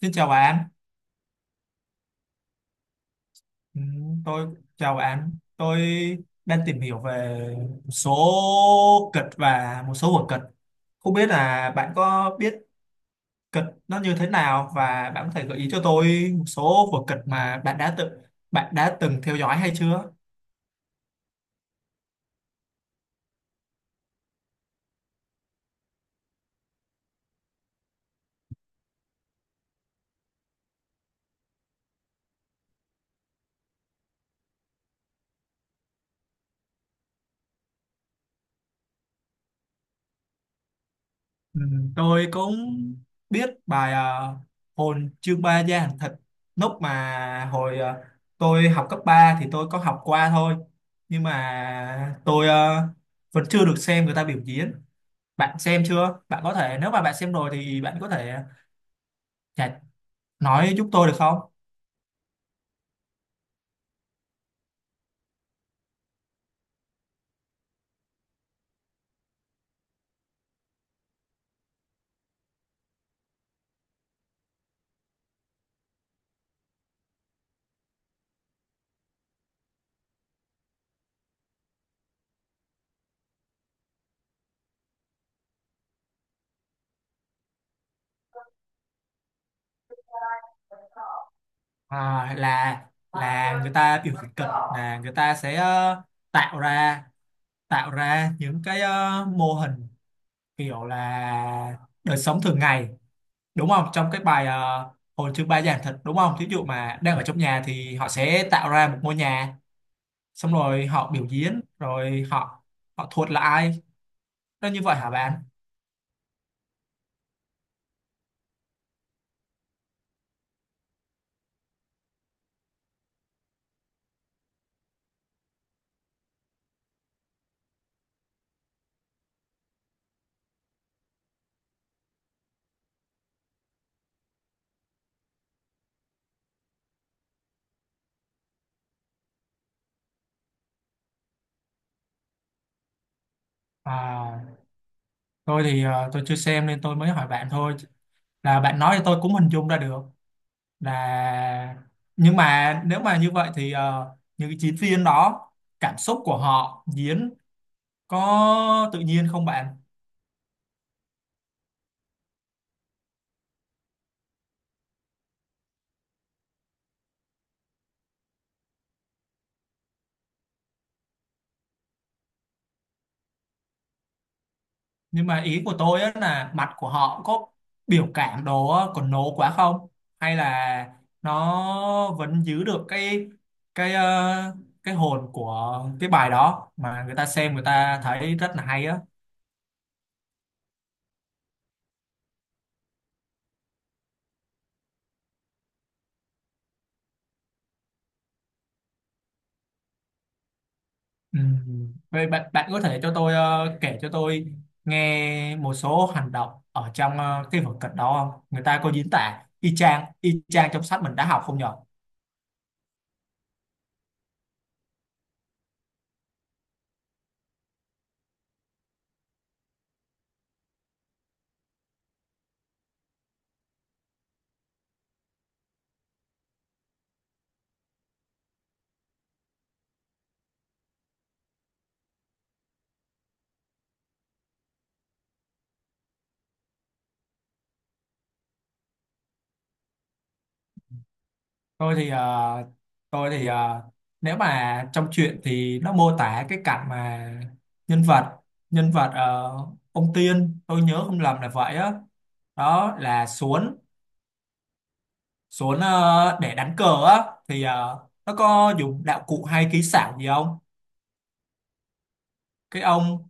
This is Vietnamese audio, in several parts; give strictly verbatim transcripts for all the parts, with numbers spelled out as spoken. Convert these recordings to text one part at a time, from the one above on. Xin chào bạn. Ừ, tôi chào bạn. Tôi đang tìm hiểu về một số kịch và một số vở kịch. Không biết là bạn có biết kịch nó như thế nào và bạn có thể gợi ý cho tôi một số vở kịch mà bạn đã tự bạn đã từng theo dõi hay chưa? Ừ, tôi cũng biết bài à, hồn chương ba gia hàng thịt, lúc mà hồi à, tôi học cấp ba thì tôi có học qua thôi, nhưng mà tôi à, vẫn chưa được xem người ta biểu diễn. Bạn xem chưa? Bạn có thể, nếu mà bạn xem rồi thì bạn có thể à, chả- nói giúp tôi được không? À, là là người ta biểu diễn kịch, là người ta sẽ ờ, tạo ra tạo ra những cái ờ, mô hình, kiểu là đời sống thường ngày, đúng không? Trong cái bài ờ, hồi chương ba giảng thuật, đúng không? Thí dụ mà đang ở trong nhà thì họ sẽ tạo ra một ngôi nhà, xong rồi họ biểu diễn, rồi họ họ thuật là ai. Nó như vậy hả bạn? À, tôi thì ờ, tôi chưa xem nên tôi mới hỏi bạn thôi, là bạn nói thì tôi cũng hình dung ra được. Là nhưng mà nếu mà như vậy thì ờ, những cái diễn viên đó cảm xúc của họ diễn có tự nhiên không bạn? Nhưng mà ý của tôi á, là mặt của họ có biểu cảm đồ á, còn nổ quá không? Hay là nó vẫn giữ được cái, cái ờ, cái hồn của cái bài đó, mà người ta xem người ta thấy rất là hay á? Ừ. Vậy bạn bạn có thể cho tôi ờ, kể cho tôi nghe một số hành động ở trong ờ, cái vở kịch đó không? Người ta có diễn tả y chang y chang trong sách mình đã học không nhỉ? Tôi thì à, tôi thì à, nếu mà trong truyện thì nó mô tả cái cảnh mà nhân vật nhân vật ờ, ông Tiên, tôi nhớ không lầm là vậy á, đó là xuống xuống ờ, để đánh cờ á, thì ờ, nó có dùng đạo cụ hay kỹ xảo gì không? Cái ông,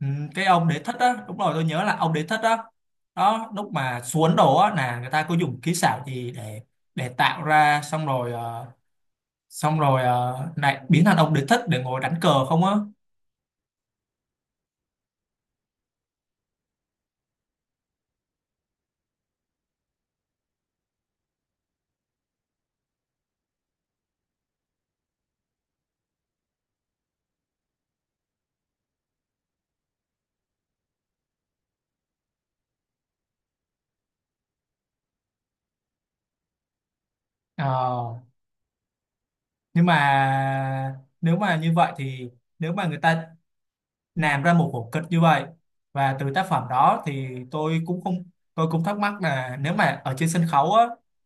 ừ, cái ông đế thất á, đúng rồi, tôi nhớ là ông đế thất á. Đó, lúc mà xuống đổ á là người ta có dùng kỹ xảo gì để để tạo ra, xong rồi ờ, xong rồi ờ, lại biến thành ông đế thích để ngồi đánh cờ không á? Ờ, nhưng mà nếu mà như vậy thì, nếu mà người ta làm ra một vở kịch như vậy và từ tác phẩm đó thì tôi cũng không tôi cũng thắc mắc là nếu mà ở trên sân khấu á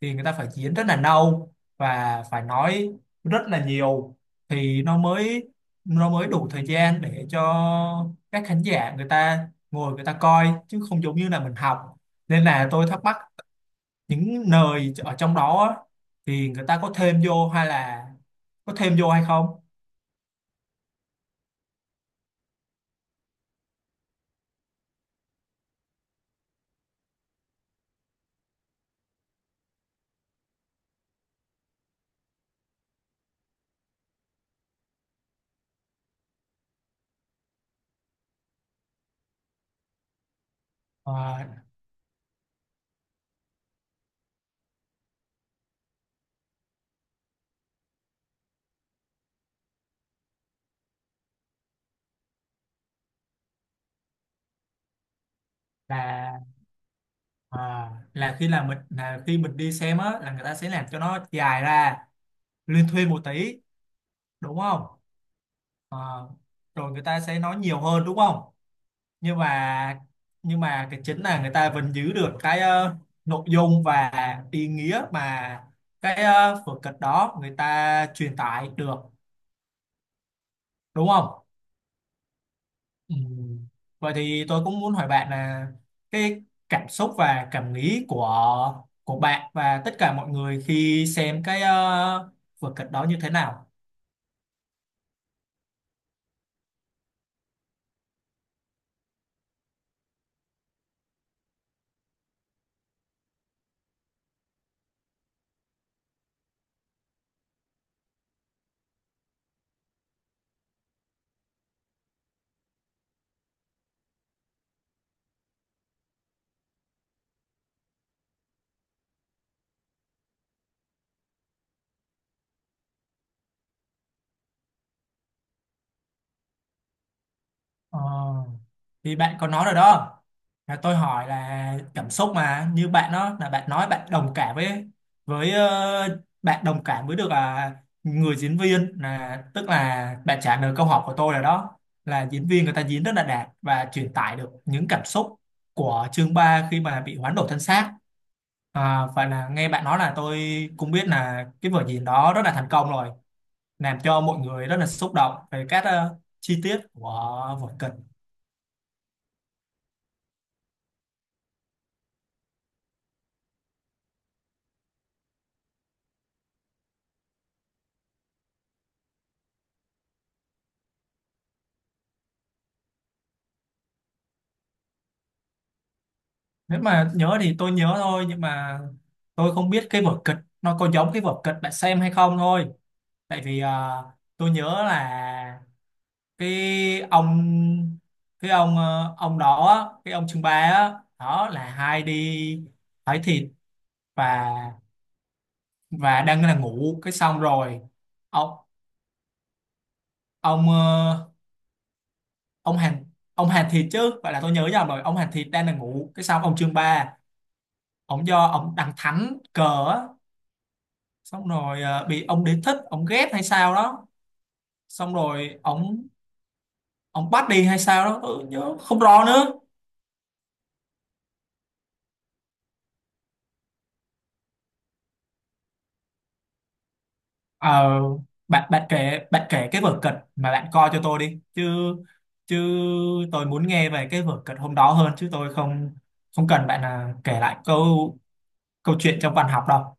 thì người ta phải diễn rất là lâu và phải nói rất là nhiều, thì nó mới nó mới đủ thời gian để cho các khán giả người ta ngồi người ta coi, chứ không giống như là mình học. Nên là tôi thắc mắc những nơi ở trong đó á, thì người ta có thêm vô hay là có thêm vô hay không? Ờ, là ờ, là khi là mình là khi mình đi xem á là người ta sẽ làm cho nó dài ra, liên thuyên một tí, đúng không? Ờ, rồi người ta sẽ nói nhiều hơn, đúng không? Nhưng mà nhưng mà cái chính là người ta vẫn giữ được cái ờ, nội dung và ý nghĩa mà cái uh, vở kịch đó người ta truyền tải được, đúng không? Ừ. Vậy thì tôi cũng muốn hỏi bạn là cái cảm xúc và cảm nghĩ của của bạn và tất cả mọi người khi xem cái uh, vở kịch đó như thế nào? Ờ, thì bạn có nói rồi đó, là tôi hỏi là cảm xúc, mà như bạn đó là bạn nói bạn đồng cảm với, với ờ, bạn đồng cảm với được à, người diễn viên. Là tức là bạn trả lời câu hỏi của tôi, là đó là diễn viên người ta diễn rất là đạt và truyền tải được những cảm xúc của chương ba khi mà bị hoán đổi thân xác. À, và là nghe bạn nói là tôi cũng biết là cái vở diễn đó rất là thành công rồi, làm cho mọi người rất là xúc động về các ờ, chi tiết của vở kịch. Nếu mà nhớ thì tôi nhớ thôi, nhưng mà tôi không biết cái vở kịch nó có giống cái vở kịch bạn xem hay không thôi. Tại vì à, tôi nhớ là cái ông cái ông ờ, ông đó á, cái ông Trương Ba á, đó là hai đi hỏi thịt, và và đang là ngủ, cái xong rồi ông ông ờ, ông Hàn ông Hàn Thịt chứ, vậy là tôi nhớ nhầm rồi. Ông Hàn Thịt đang là ngủ, cái xong ông Trương Ba, ông do ông đằng thánh cờ á, xong rồi à, bị ông đế thích ông ghét hay sao đó, xong rồi ông ông bắt đi hay sao đó, tôi nhớ không rõ nữa. Ờ bạn bạn kể bạn kể cái vở kịch mà bạn coi cho tôi đi chứ, chứ tôi muốn nghe về cái vở kịch hôm đó hơn, chứ tôi không không cần bạn là kể lại câu câu chuyện trong văn học đâu.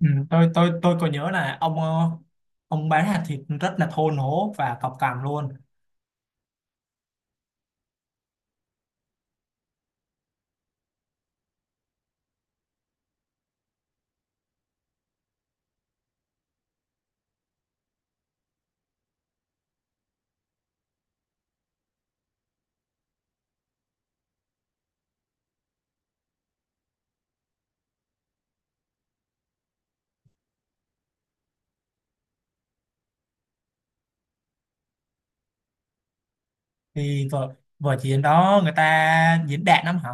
Ừ, tôi tôi tôi có nhớ là ông ờ, ông bán hạt thịt rất là thô lỗ và cọc cằn luôn. Thì vở vở diễn đó người ta diễn đạt lắm hả?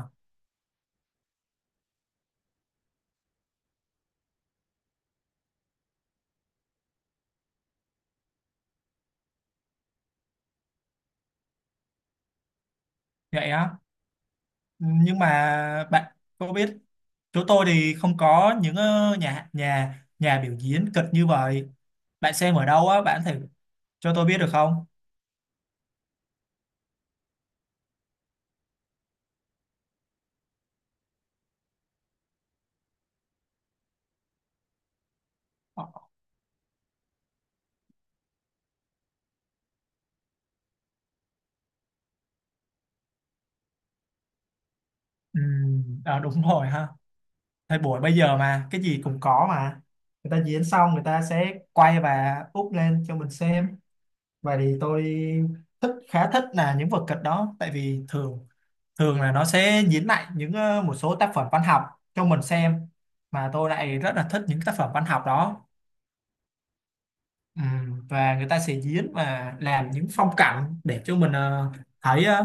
Vậy á. Nhưng mà bạn có biết, chỗ tôi thì không có những ờ, nhà nhà nhà biểu diễn kịch như vậy. Bạn xem ở đâu á? Bạn có thể cho tôi biết được không? Ừ, à, đúng rồi ha. Thời buổi bây giờ mà cái gì cũng có mà, người ta diễn xong người ta sẽ quay và úp lên cho mình xem. Vậy thì tôi thích khá thích là những vở kịch đó, tại vì thường thường là nó sẽ diễn lại những ờ, một số tác phẩm văn học cho mình xem, mà tôi lại rất là thích những tác phẩm văn học đó. Ừ, và người ta sẽ diễn và làm những phong cảnh để cho mình ờ, thấy ờ,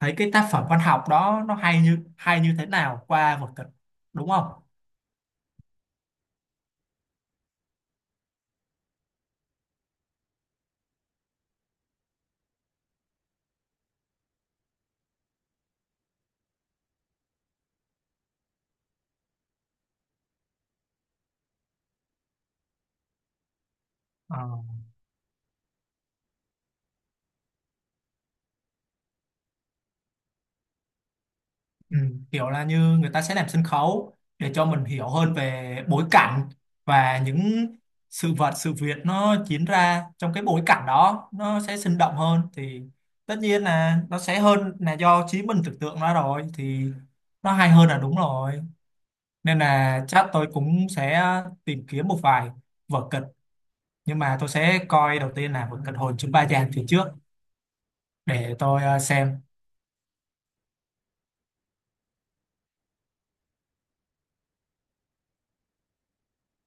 thấy cái tác phẩm văn học đó nó hay như hay như thế nào qua vở kịch, đúng không? Ờ. Ừ, kiểu là như người ta sẽ làm sân khấu để cho mình hiểu hơn về bối cảnh và những sự vật sự việc nó diễn ra trong cái bối cảnh đó, nó sẽ sinh động hơn thì tất nhiên là nó sẽ hơn là do trí mình tưởng tượng ra rồi, thì nó hay hơn là đúng rồi. Nên là chắc tôi cũng sẽ tìm kiếm một vài vở kịch, nhưng mà tôi sẽ coi đầu tiên là vở kịch Hồn Chứng Ba Giang thì trước, để tôi ờ, xem.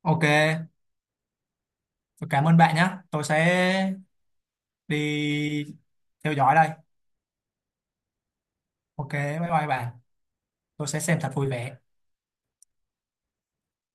OK, tôi cảm ơn bạn nhé, tôi sẽ đi theo dõi đây. OK, bye bye bạn, tôi sẽ xem thật vui vẻ.